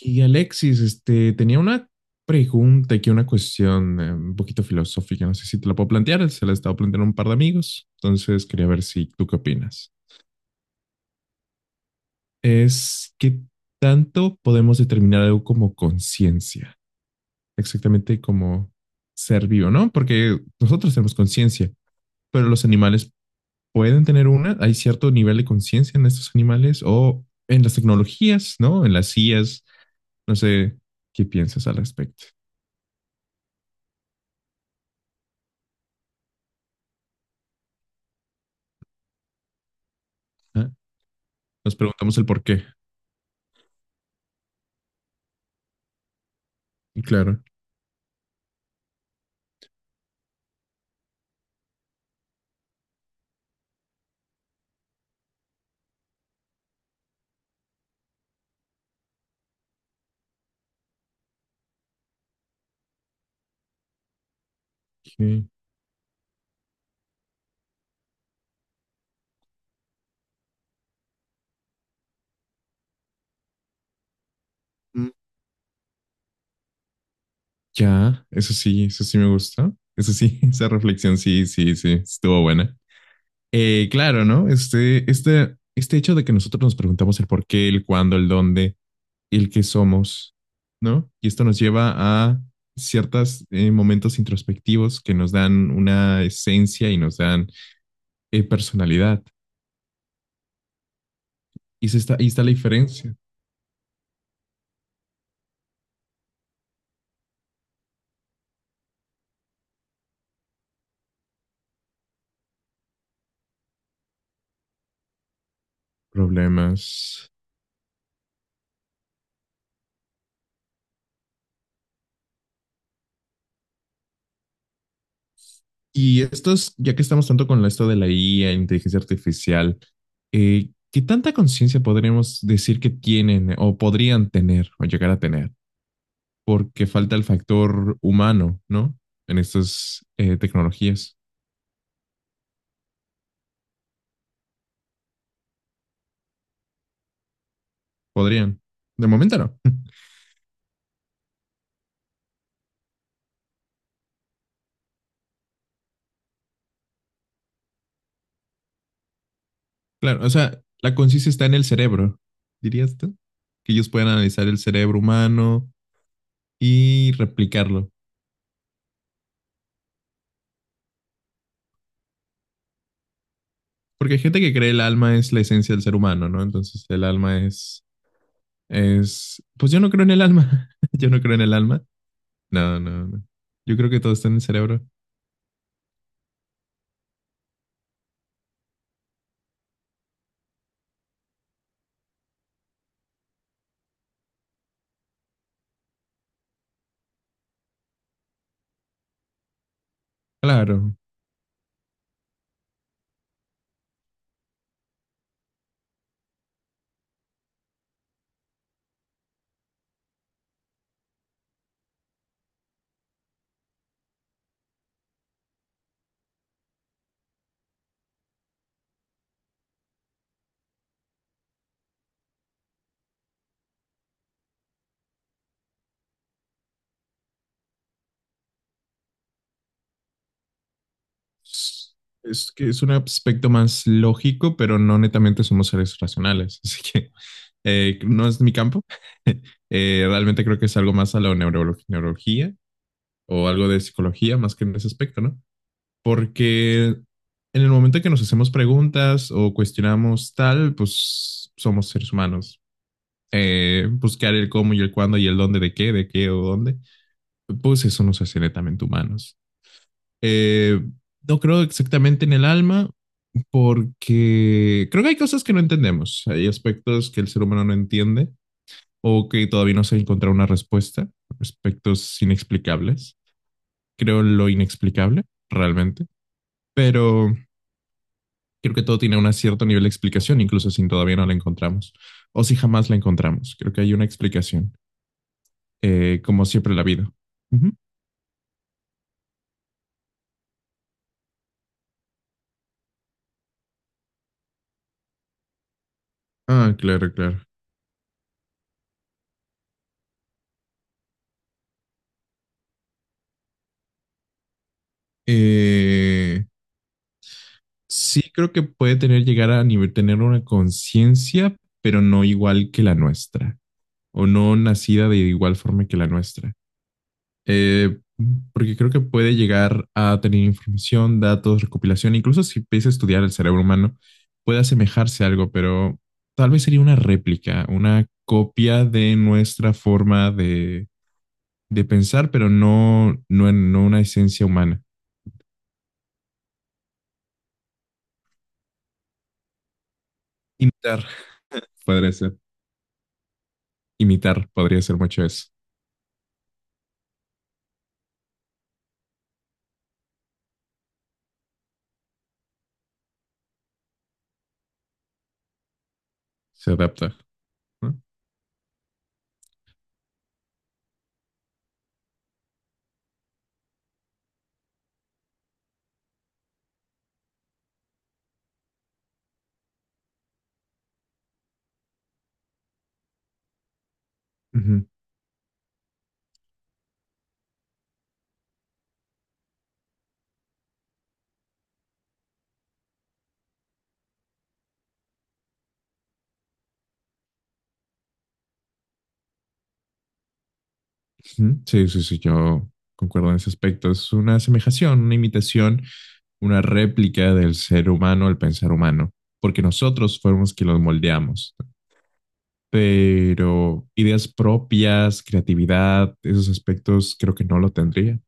Y Alexis, tenía una pregunta aquí, una cuestión un poquito filosófica. No sé si te la puedo plantear. Se la he estado planteando a un par de amigos, entonces quería ver si tú qué opinas. Es qué tanto podemos determinar algo como conciencia, exactamente como ser vivo, ¿no? Porque nosotros tenemos conciencia, pero los animales pueden tener una, hay cierto nivel de conciencia en estos animales o en las tecnologías, ¿no? En las sillas, no sé qué piensas al respecto. ¿Ah? Nos preguntamos el por qué. Y claro. Ok. Mm. Ya, eso sí me gusta. Eso sí, esa reflexión sí, sí, sí, estuvo buena. Claro, ¿no? Este hecho de que nosotros nos preguntamos el por qué, el cuándo, el dónde, el qué somos, ¿no? Y esto nos lleva a ciertos momentos introspectivos que nos dan una esencia y nos dan personalidad. Y se está, ahí está la diferencia. Problemas. Y estos, ya que estamos tanto con esto de la IA, inteligencia artificial, ¿qué tanta conciencia podríamos decir que tienen o podrían tener o llegar a tener? Porque falta el factor humano, ¿no? En estas tecnologías. Podrían. De momento no. Claro, o sea, la conciencia está en el cerebro, dirías tú. Que ellos puedan analizar el cerebro humano y replicarlo. Porque hay gente que cree el alma es la esencia del ser humano, ¿no? Entonces el alma es... Es, pues yo no creo en el alma. Yo no creo en el alma. No, no, no. Yo creo que todo está en el cerebro. Claro. Es es que es un aspecto más lógico, pero no netamente somos seres racionales. Así que no es mi campo. Realmente creo que es algo más a la neurología o algo de psicología más que en ese aspecto, ¿no? Porque en el momento que nos hacemos preguntas o cuestionamos tal, pues somos seres humanos. Buscar el cómo y el cuándo y el dónde de qué, o dónde, pues eso nos hace netamente humanos. Eh, no creo exactamente en el alma porque creo que hay cosas que no entendemos, hay aspectos que el ser humano no entiende o que todavía no se ha encontrado una respuesta, aspectos inexplicables. Creo en lo inexplicable realmente, pero creo que todo tiene un cierto nivel de explicación, incluso si todavía no la encontramos o si jamás la encontramos. Creo que hay una explicación. Como siempre la vida. Ujú. Ah, claro, claro. Eh, Sí creo que puede tener, llegar a nivel, tener una conciencia, pero no igual que la nuestra, o no nacida de igual forma que la nuestra. Eh, Porque creo que puede llegar a tener información, datos, recopilación. Incluso si empieza a estudiar el cerebro humano, puede asemejarse a algo, pero tal vez sería una réplica, una copia de nuestra forma de. De pensar, pero no una esencia humana. Imitar podría ser, imitar podría ser mucho eso. Se adapta, ¿no? Ujú, ujú. Sí, sí, sí, yo concuerdo en ese aspecto. Es una asemejación, una imitación. Una réplica del ser humano, el pensar humano, porque nosotros fuimos quienes los moldeamos. Pero ideas propias, creatividad, esos aspectos creo que no lo tendría.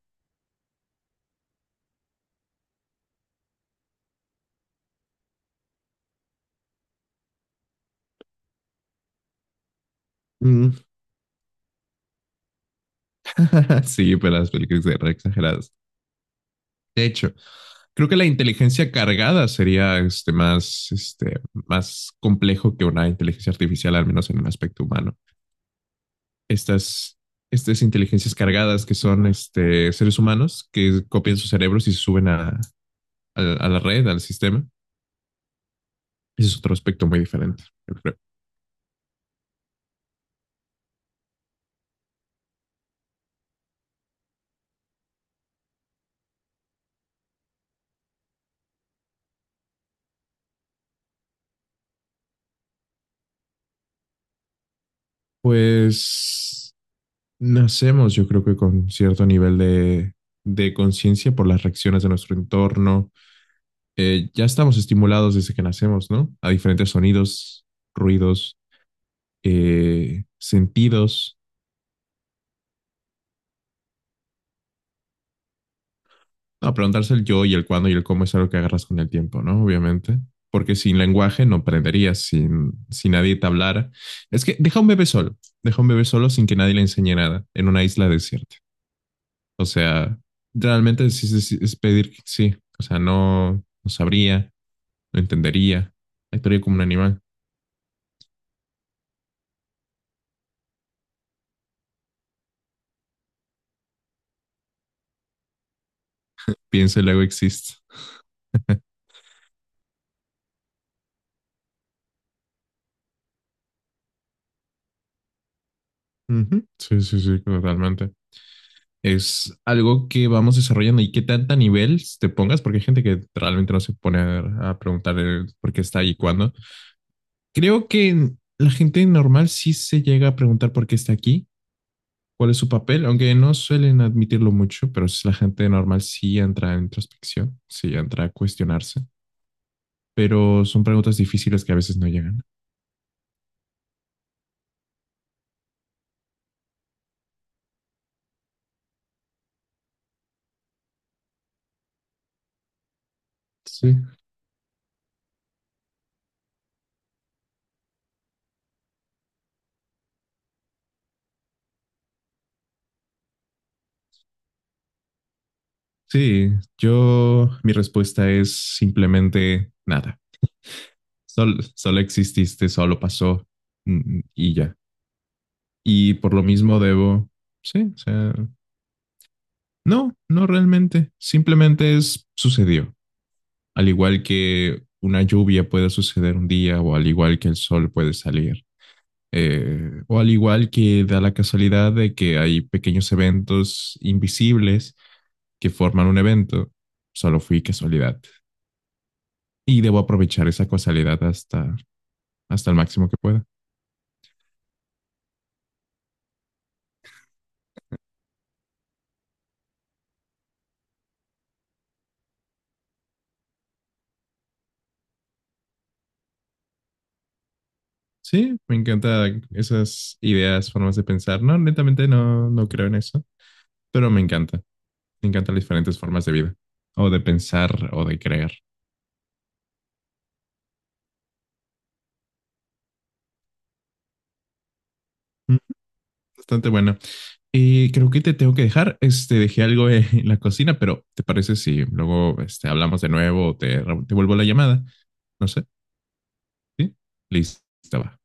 Mm. Sí, pero las películas eran exageradas. De hecho, creo que la inteligencia cargada sería más, más complejo que una inteligencia artificial, al menos en el aspecto humano. Estas, estas inteligencias cargadas que son este, seres humanos que copian sus cerebros y se suben a la red, al sistema. Ese es otro aspecto muy diferente, yo creo. Pues nacemos, yo creo que con cierto nivel de conciencia por las reacciones de nuestro entorno. Ya estamos estimulados desde que nacemos, ¿no? A diferentes sonidos, ruidos, sentidos. No, preguntarse el yo y el cuándo y el cómo es algo que agarras con el tiempo, ¿no? Obviamente. Porque sin lenguaje no aprenderías, sin, si nadie te hablara. Es que deja un bebé solo, deja un bebé solo sin que nadie le enseñe nada en una isla desierta. O sea, realmente es, es pedir, sí, o sea, no, no sabría, no entendería, actuaría como un animal, piensa y luego existe. Ujú. Sí, sí, sí, totalmente. Es algo que vamos desarrollando y qué tanta nivel te pongas, porque hay gente que realmente no se pone a preguntar el por qué está ahí y cuándo. Creo que la gente normal sí se llega a preguntar por qué está aquí, cuál es su papel, aunque no suelen admitirlo mucho, pero la gente normal sí entra en introspección, sí entra a cuestionarse, pero son preguntas difíciles que a veces no llegan. Sí. Sí, yo, mi respuesta es simplemente nada. Solo exististe, solo pasó, y ya. Y por lo mismo debo, sí, o sea, no realmente, simplemente es, sucedió, al igual que una lluvia puede suceder un día o al igual que el sol puede salir. O al igual que da la casualidad de que hay pequeños eventos invisibles que forman un evento, solo fui casualidad. Y debo aprovechar esa casualidad hasta, hasta el máximo que pueda. Sí, me encantan esas ideas, formas de pensar. No, netamente no, no creo en eso, pero me encanta. Me encantan las diferentes formas de vida, o de pensar, o de creer. Bastante buena. Y creo que te tengo que dejar. Este, dejé algo en la cocina, pero ¿te parece si luego este, hablamos de nuevo o te vuelvo la llamada? No sé. ¿Sí? Listo, va.